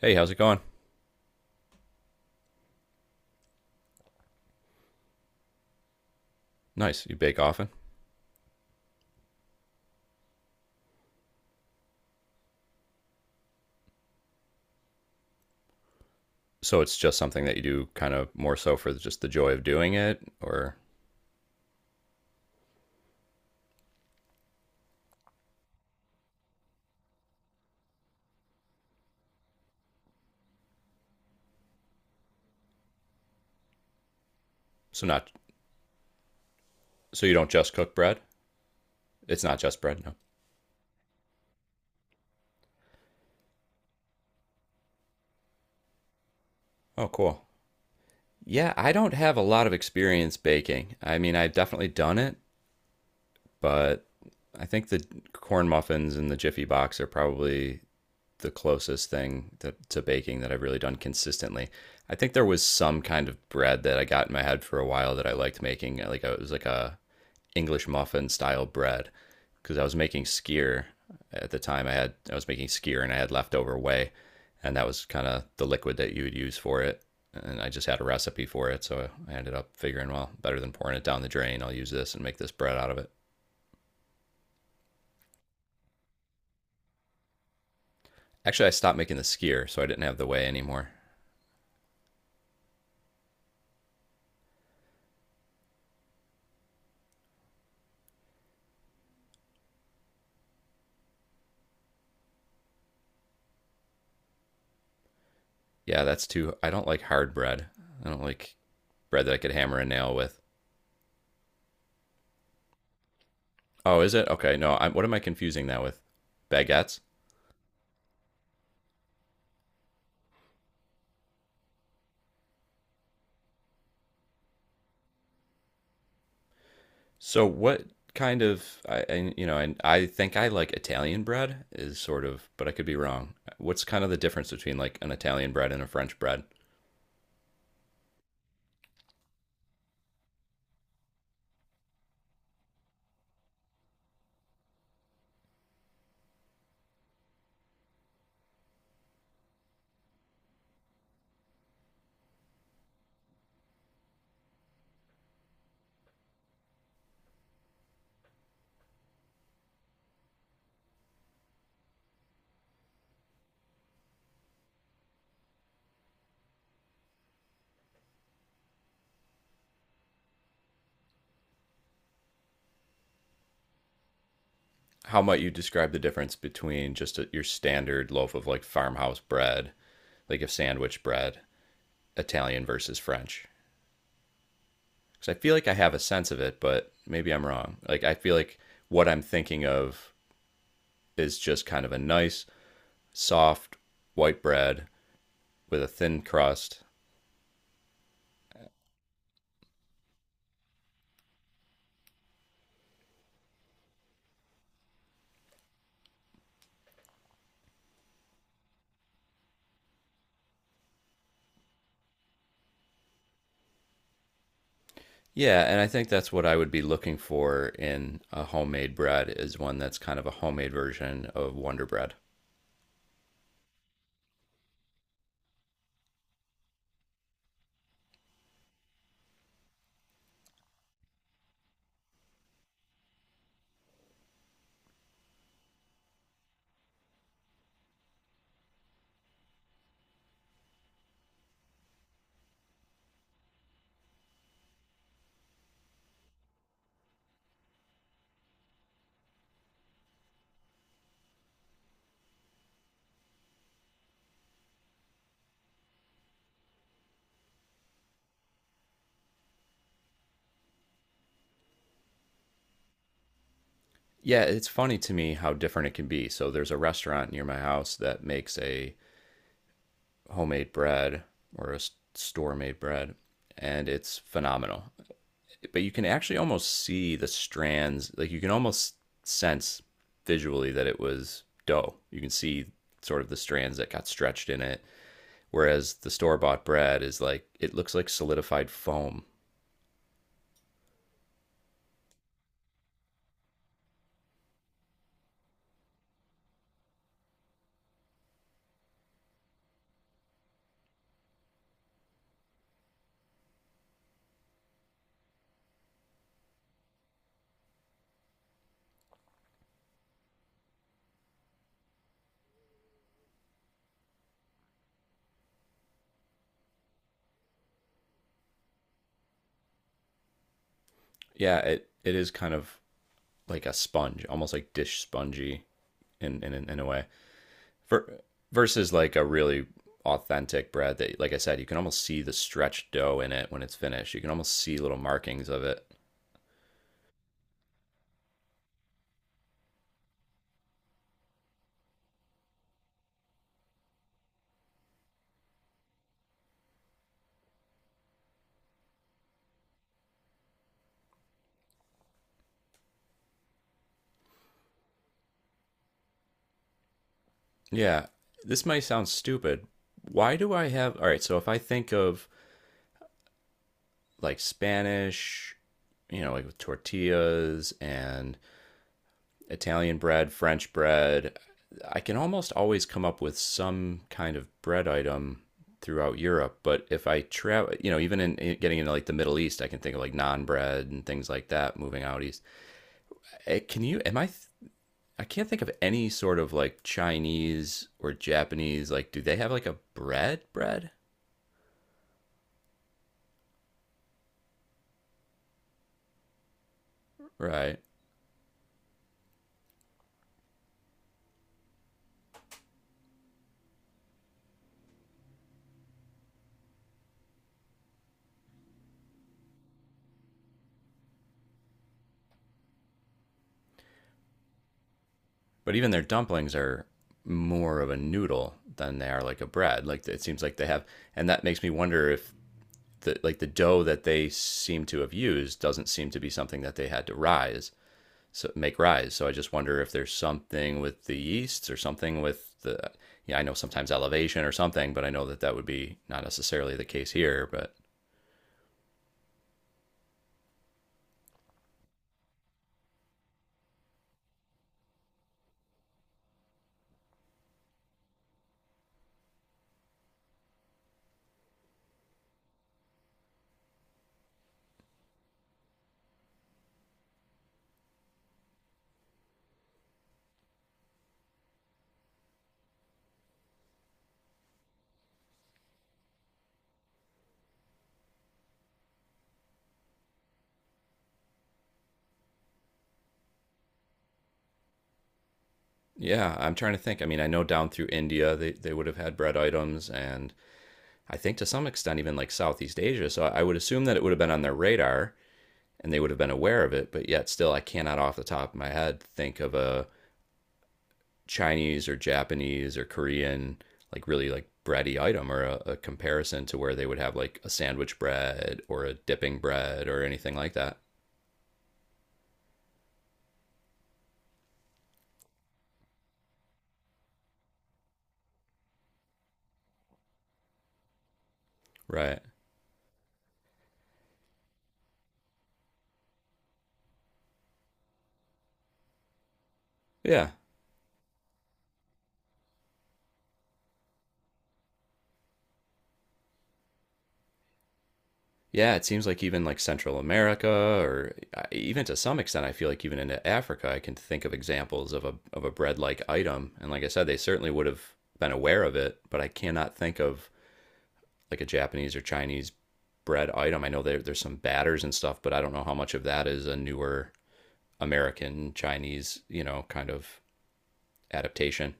Hey, how's it going? Nice. You bake often? So it's just something that you do kind of more so for just the joy of doing it, or so not so you don't just cook bread? It's not just bread, no. Oh, cool. Yeah, I don't have a lot of experience baking. I mean, I've definitely done it, but I think the corn muffins and the Jiffy box are probably the closest thing that, to baking that I've really done consistently. I think there was some kind of bread that I got in my head for a while that I liked making, like a, it was like a English muffin style bread because I was making skier at the time. I was making skier and I had leftover whey, and that was kind of the liquid that you would use for it. And I just had a recipe for it, so I ended up figuring, well, better than pouring it down the drain, I'll use this and make this bread out of it. Actually, I stopped making the skier, so I didn't have the whey anymore. Yeah, that's too. I don't like hard bread. I don't like bread that I could hammer a nail with. Oh, is it okay? No, I'm, what am I confusing that with? Baguettes. So what kind of and I think I like Italian bread is sort of, but I could be wrong. What's kind of the difference between like an Italian bread and a French bread? How might you describe the difference between just a, your standard loaf of like farmhouse bread, like a sandwich bread, Italian versus French? Because I feel like I have a sense of it, but maybe I'm wrong. Like I feel like what I'm thinking of is just kind of a nice, soft white bread with a thin crust. Yeah, and I think that's what I would be looking for in a homemade bread is one that's kind of a homemade version of Wonder Bread. Yeah, it's funny to me how different it can be. So there's a restaurant near my house that makes a homemade bread or a store made bread, and it's phenomenal. But you can actually almost see the strands, like you can almost sense visually that it was dough. You can see sort of the strands that got stretched in it. Whereas the store bought bread is like, it looks like solidified foam. Yeah, it is kind of like a sponge, almost like dish spongy in a way. For, versus like a really authentic bread that, like I said, you can almost see the stretched dough in it when it's finished. You can almost see little markings of it. Yeah. This might sound stupid. Why do I have— All right, so if I think of like Spanish, you know, like with tortillas and Italian bread, French bread. I can almost always come up with some kind of bread item throughout Europe. But if I travel, you know, even in, getting into like the Middle East, I can think of like non bread and things like that. Moving out east, can you? I can't think of any sort of like Chinese or Japanese. Like, do they have like a bread? Bread, right? But even their dumplings are more of a noodle than they are like a bread. Like it seems like they have, and that makes me wonder if the like the dough that they seem to have used doesn't seem to be something that they had to rise make rise. So I just wonder if there's something with the yeasts or something with the— yeah, I know sometimes elevation or something, but I know that that would be not necessarily the case here, but yeah, I'm trying to think. I mean, I know down through India they would have had bread items, and I think to some extent even like Southeast Asia. So I would assume that it would have been on their radar and they would have been aware of it, but yet still I cannot off the top of my head think of a Chinese or Japanese or Korean, like really like bready item, or a comparison to where they would have like a sandwich bread or a dipping bread or anything like that. Right. Yeah. Yeah, it seems like even like Central America, or even to some extent, I feel like even into Africa, I can think of examples of a bread like item. And like I said, they certainly would have been aware of it, but I cannot think of like a Japanese or Chinese bread item. I know there's some batters and stuff, but I don't know how much of that is a newer American Chinese, you know, kind of adaptation.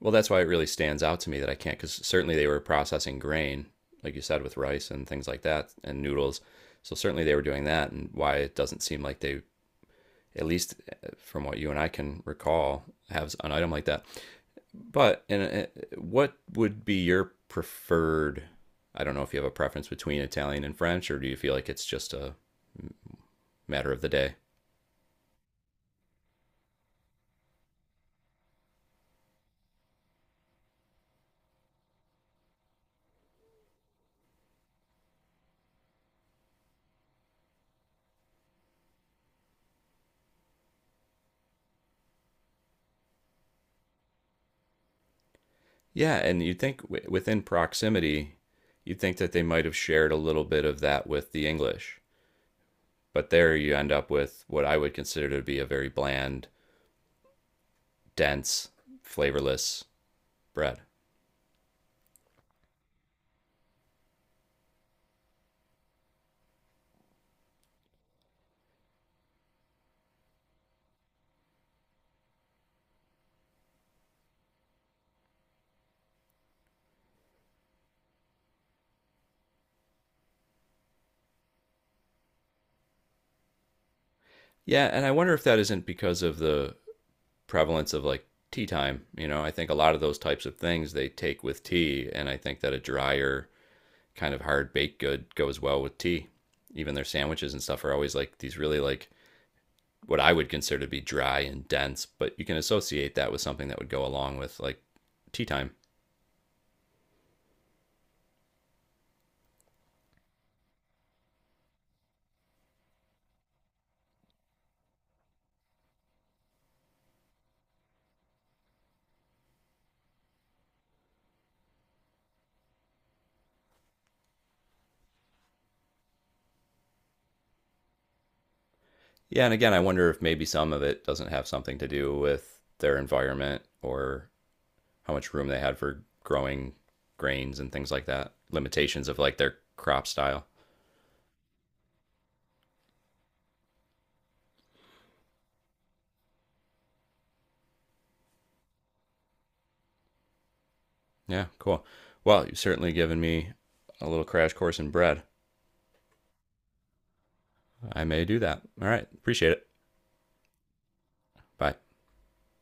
Well, that's why it really stands out to me that I can't, because certainly they were processing grain, like you said, with rice and things like that, and noodles. So certainly they were doing that, and why it doesn't seem like they, at least from what you and I can recall, have an item like that. But and what would be your preferred? I don't know if you have a preference between Italian and French, or do you feel like it's just a matter of the day? Yeah, and you'd think within proximity, you'd think that they might have shared a little bit of that with the English. But there you end up with what I would consider to be a very bland, dense, flavorless bread. Yeah, and I wonder if that isn't because of the prevalence of like tea time. You know, I think a lot of those types of things they take with tea, and I think that a drier, kind of hard baked good goes well with tea. Even their sandwiches and stuff are always like these really like what I would consider to be dry and dense, but you can associate that with something that would go along with like tea time. Yeah, and again, I wonder if maybe some of it doesn't have something to do with their environment or how much room they had for growing grains and things like that, limitations of like their crop style. Yeah, cool. Well, you've certainly given me a little crash course in bread. I may do that. All right, appreciate it. Bye.